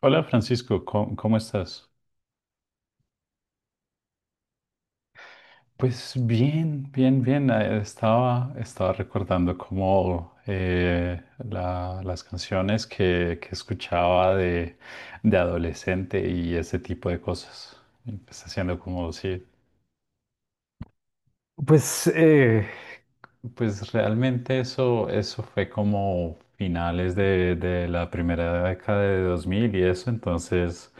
Hola Francisco, ¿cómo estás? Pues bien, bien, bien. Estaba recordando cómo la- las canciones que escuchaba de adolescente y ese tipo de cosas. Empecé haciendo como, sí. Pues eh, Pues realmente eso, eso fue como finales de la primera década de 2000 y eso, entonces,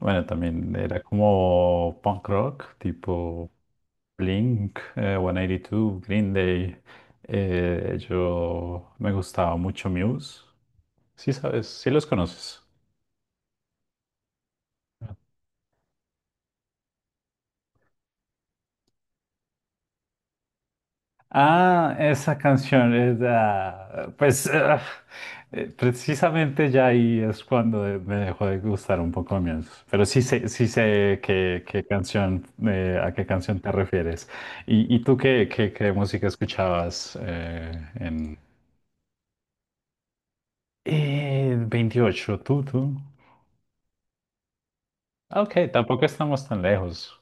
bueno, también era como punk rock, tipo Blink, 182, Green Day. Yo me gustaba mucho Muse. Sí, sabes, sí los conoces. Ah, esa canción es, ah, pues ah, precisamente ya ahí es cuando me dejó de gustar un poco menos. Pero sí sé qué, qué canción, a qué canción te refieres. ¿Y tú qué, qué, qué música escuchabas en 28? ¿Tú? Ah, ok, tampoco estamos tan lejos.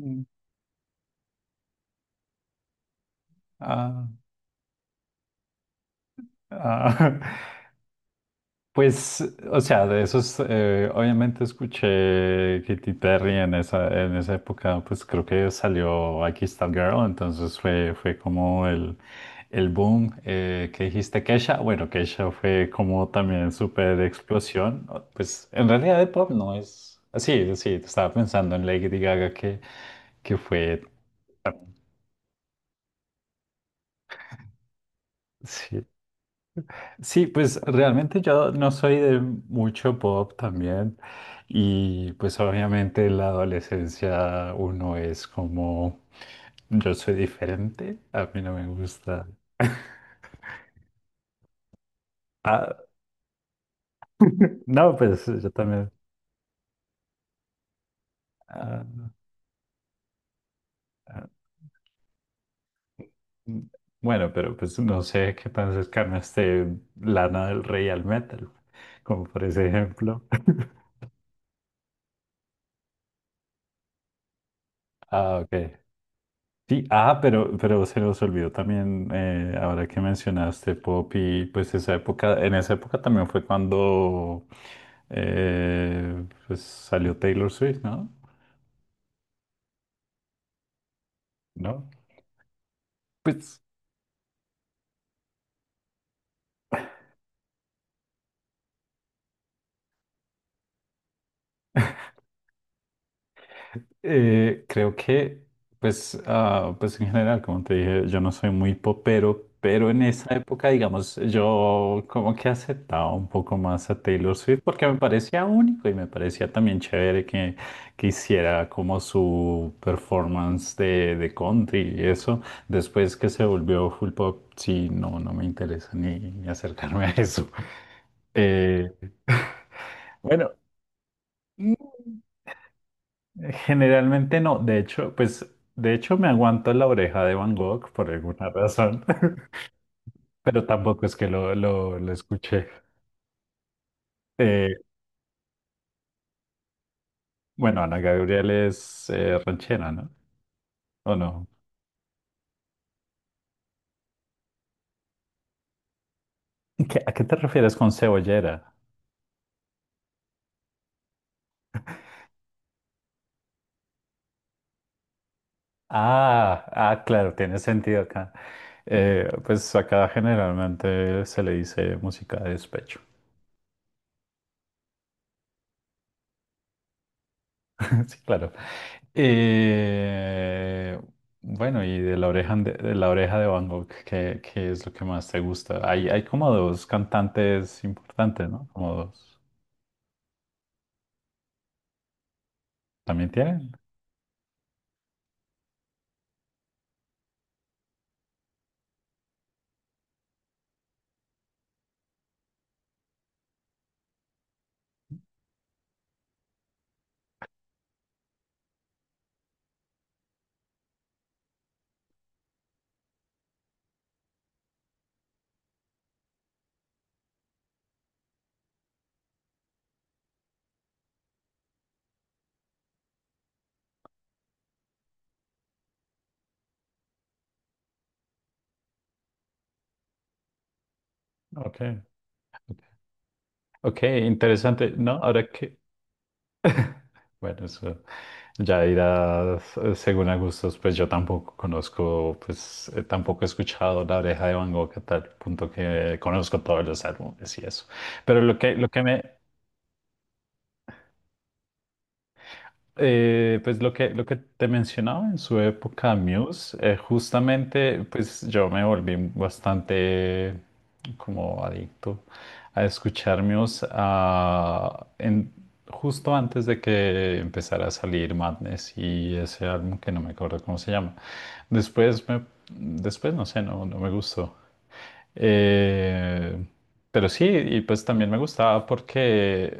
Mm. Ah, ah. Pues, o sea, de esos, obviamente escuché Katy Perry en esa época, pues creo que salió Aquí está el Girl, entonces fue, fue como el boom que dijiste Kesha. Bueno, Kesha fue como también súper explosión, ¿no? Pues en realidad el pop no es así, sí, estaba pensando en Lady Gaga que fue. Sí, sí, pues realmente yo no soy de mucho pop también y pues obviamente en la adolescencia uno es como yo soy diferente, a mí no me gusta. Ah, no, pues yo también. Ah, ah, mm, bueno, pero pues no sé qué tan cercano esté Lana del Rey al metal, como por ese ejemplo. Ah, ok. Sí, ah, pero se nos olvidó también, ahora que mencionaste pop y pues esa época, en esa época también fue cuando salió Taylor Swift, ¿no? ¿No? Pues Eh, creo que, pues, ah, pues en general, como te dije, yo no soy muy popero, pero en esa época, digamos, yo como que aceptaba un poco más a Taylor Swift porque me parecía único y me parecía también chévere que hiciera como su performance de country y eso. Después que se volvió full pop, sí, no, no me interesa ni, ni acercarme a eso. Eh, bueno. Generalmente no, de hecho, pues de hecho me aguanto la oreja de Van Gogh por alguna razón, pero tampoco es que lo escuché. Eh, bueno, Ana Gabriel es ranchera, ¿no? ¿O no? ¿Qué- a qué te refieres con cebollera? Ah, ah, claro, tiene sentido acá. Pues acá generalmente se le dice música de despecho. Sí, claro. Eh, bueno, y de la oreja de la oreja de Van Gogh, ¿qué, qué es lo que más te gusta? Hay como dos cantantes importantes, ¿no? Como dos. ¿También tienen? Ok. Ok, interesante. No, ahora que, bueno, eso ya irás según a gustos, pues yo tampoco conozco, pues tampoco he escuchado La Oreja de Van Gogh a tal punto que conozco todos los álbumes y eso. Pero lo que me. Pues lo que te mencionaba en su época Muse, justamente pues yo me volví bastante como adicto a escuchar Muse justo antes de que empezara a salir Madness y ese álbum que no me acuerdo cómo se llama. Después me, después no sé, no, no me gustó. Eh, pero sí, y pues también me gustaba porque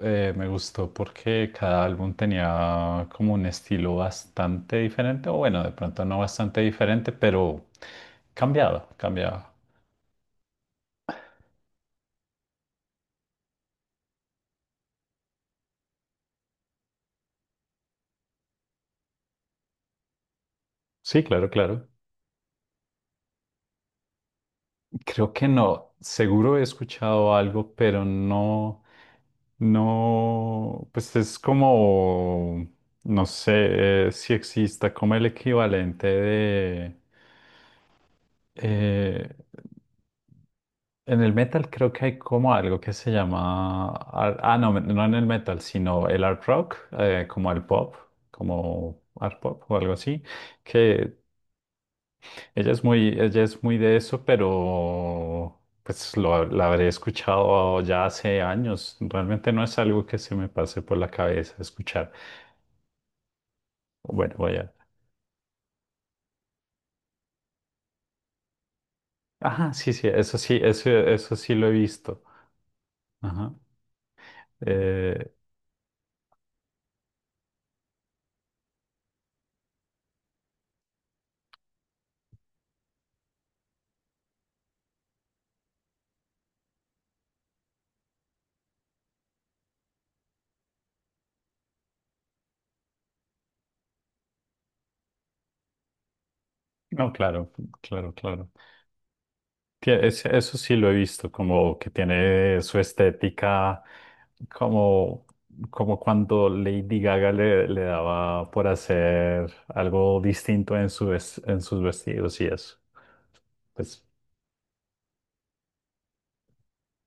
me gustó porque cada álbum tenía como un estilo bastante diferente, o bueno, de pronto no bastante diferente, pero cambiado, cambiado. Sí, claro, claro. Creo que no. Seguro he escuchado algo, pero no, no, pues es como, no sé si exista como el equivalente de, eh, en el metal creo que hay como algo que se llama, ar- ah, no, no en el metal, sino el art rock, como el pop, como art pop o algo así, que ella es muy de eso, pero pues lo, la habré escuchado ya hace años. Realmente no es algo que se me pase por la cabeza escuchar. Bueno, voy a... Ajá, sí, sí, eso sí lo he visto. Ajá. Eh, no, claro, claro, claro. Tie- es- eso sí lo he visto, como que tiene su estética, como, como cuando Lady Gaga le, le daba por hacer algo distinto en su, ves- en sus vestidos y eso. Pues.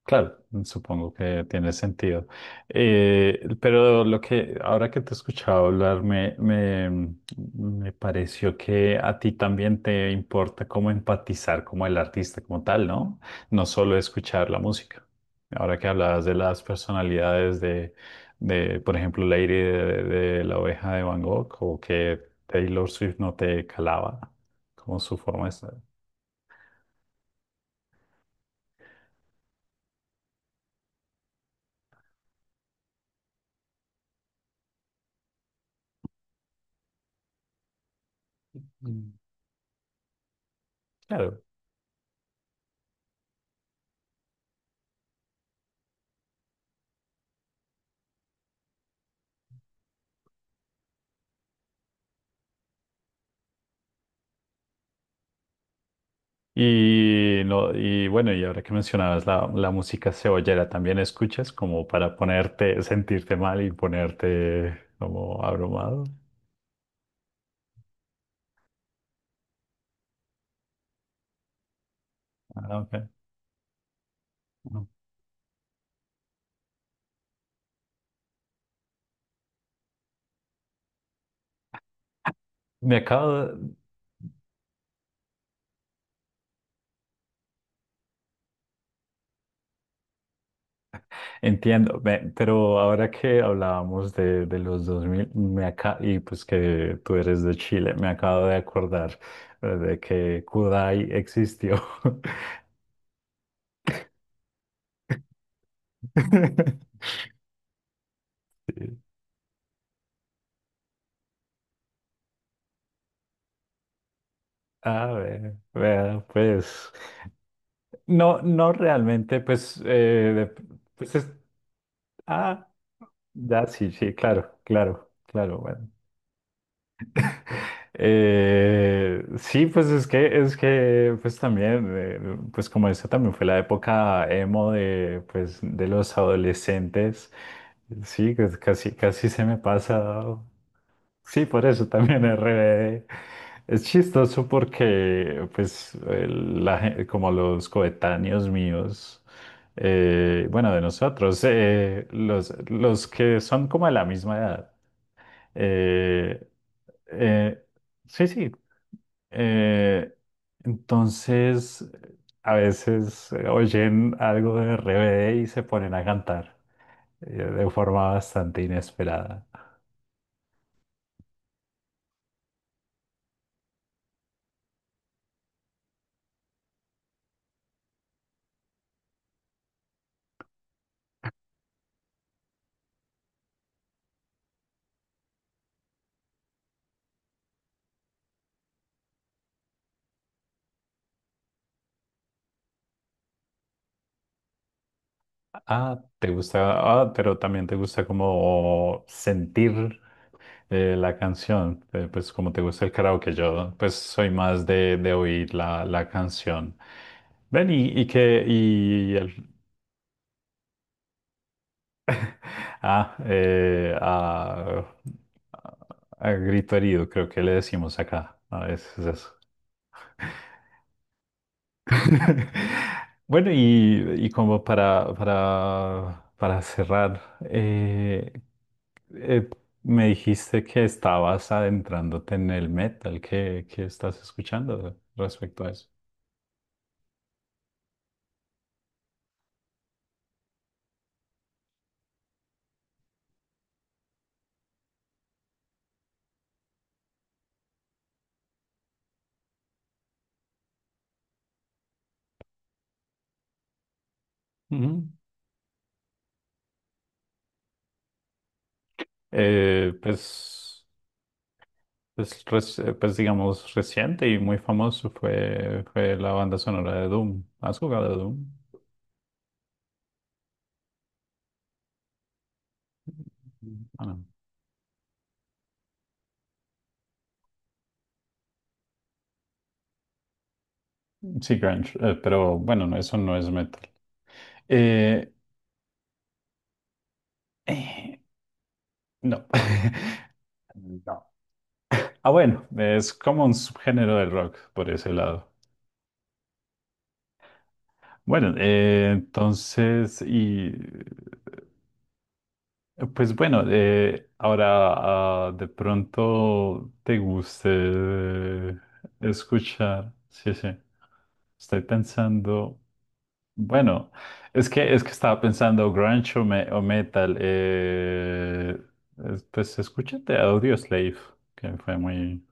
Claro, supongo que tiene sentido. Pero lo que ahora que te he escuchado hablar, me pareció que a ti también te importa cómo empatizar como el artista como tal, ¿no? No solo escuchar la música. Ahora que hablabas de las personalidades de por ejemplo, Lady de La Oveja de Van Gogh o que Taylor Swift no te calaba como su forma de estar. Mm. Claro. Y, no, y bueno, y ahora que mencionabas la, la música cebollera, ¿también escuchas como para ponerte, sentirte mal y ponerte como abrumado? Ah, ok. No. Me acabo, de- entiendo, me- pero ahora que hablábamos de los 2000 me acá, y pues que tú eres de Chile, me acabo de acordar de que Kudai existió. Sí. Ah, ve- vea, pues. No, no realmente, pues, de- pues es- ah, ya sí, sí, claro, claro, claro, bueno. Sí, pues es que, pues también, pues como esa también fue la época emo de, pues, de los adolescentes, sí, pues casi, casi se me pasa. Sí, por eso también es re- es chistoso porque, pues, el- la gen- como los coetáneos míos, bueno, de nosotros, los que son como de la misma edad. eh, eh, sí, sí. eh, entonces, a veces oyen algo de RBD y se ponen a cantar, de forma bastante inesperada. Ah, te gusta, ah, pero también te gusta como sentir la canción, pues como te gusta el karaoke, yo pues soy más de oír la, la canción. Ven y que, y el, ah, eh, ah, a grito herido, creo que le decimos acá, a veces eso. Bueno, y como para cerrar, eh. Eh, me dijiste que estabas adentrándote en el metal. ¿Qué, qué estás escuchando respecto a eso? Ujú. Eh, pues, pues, reci- pues, digamos, reciente y muy famoso fue, fue la banda sonora de Doom. ¿Has jugado a Doom? Ah, no. Sí, grunge, pero bueno, no, eso no es metal. Eh, eh, no. No. Ah, bueno, es como un subgénero del rock por ese lado. Bueno, entonces, y pues bueno, ahora de pronto te guste escuchar. Sí, sí. Estoy pensando. Bueno, es que estaba pensando grunge o, me- o metal. Es- pues escúchate Audioslave, que fue muy.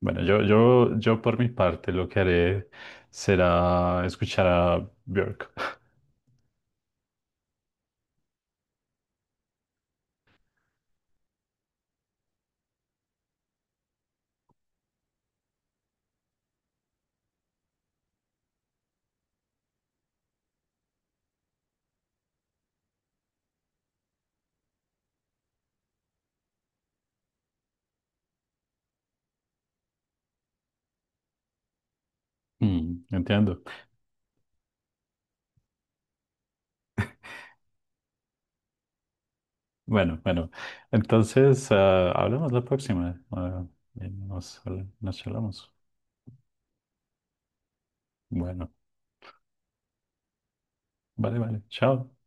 Bueno, yo por mi parte lo que haré será escuchar a Björk. Mm, entiendo. Bueno, bueno. Entonces, ah, hablamos la próxima. Ah, y nos, nos charlamos. Bueno, vale, vale. Chao.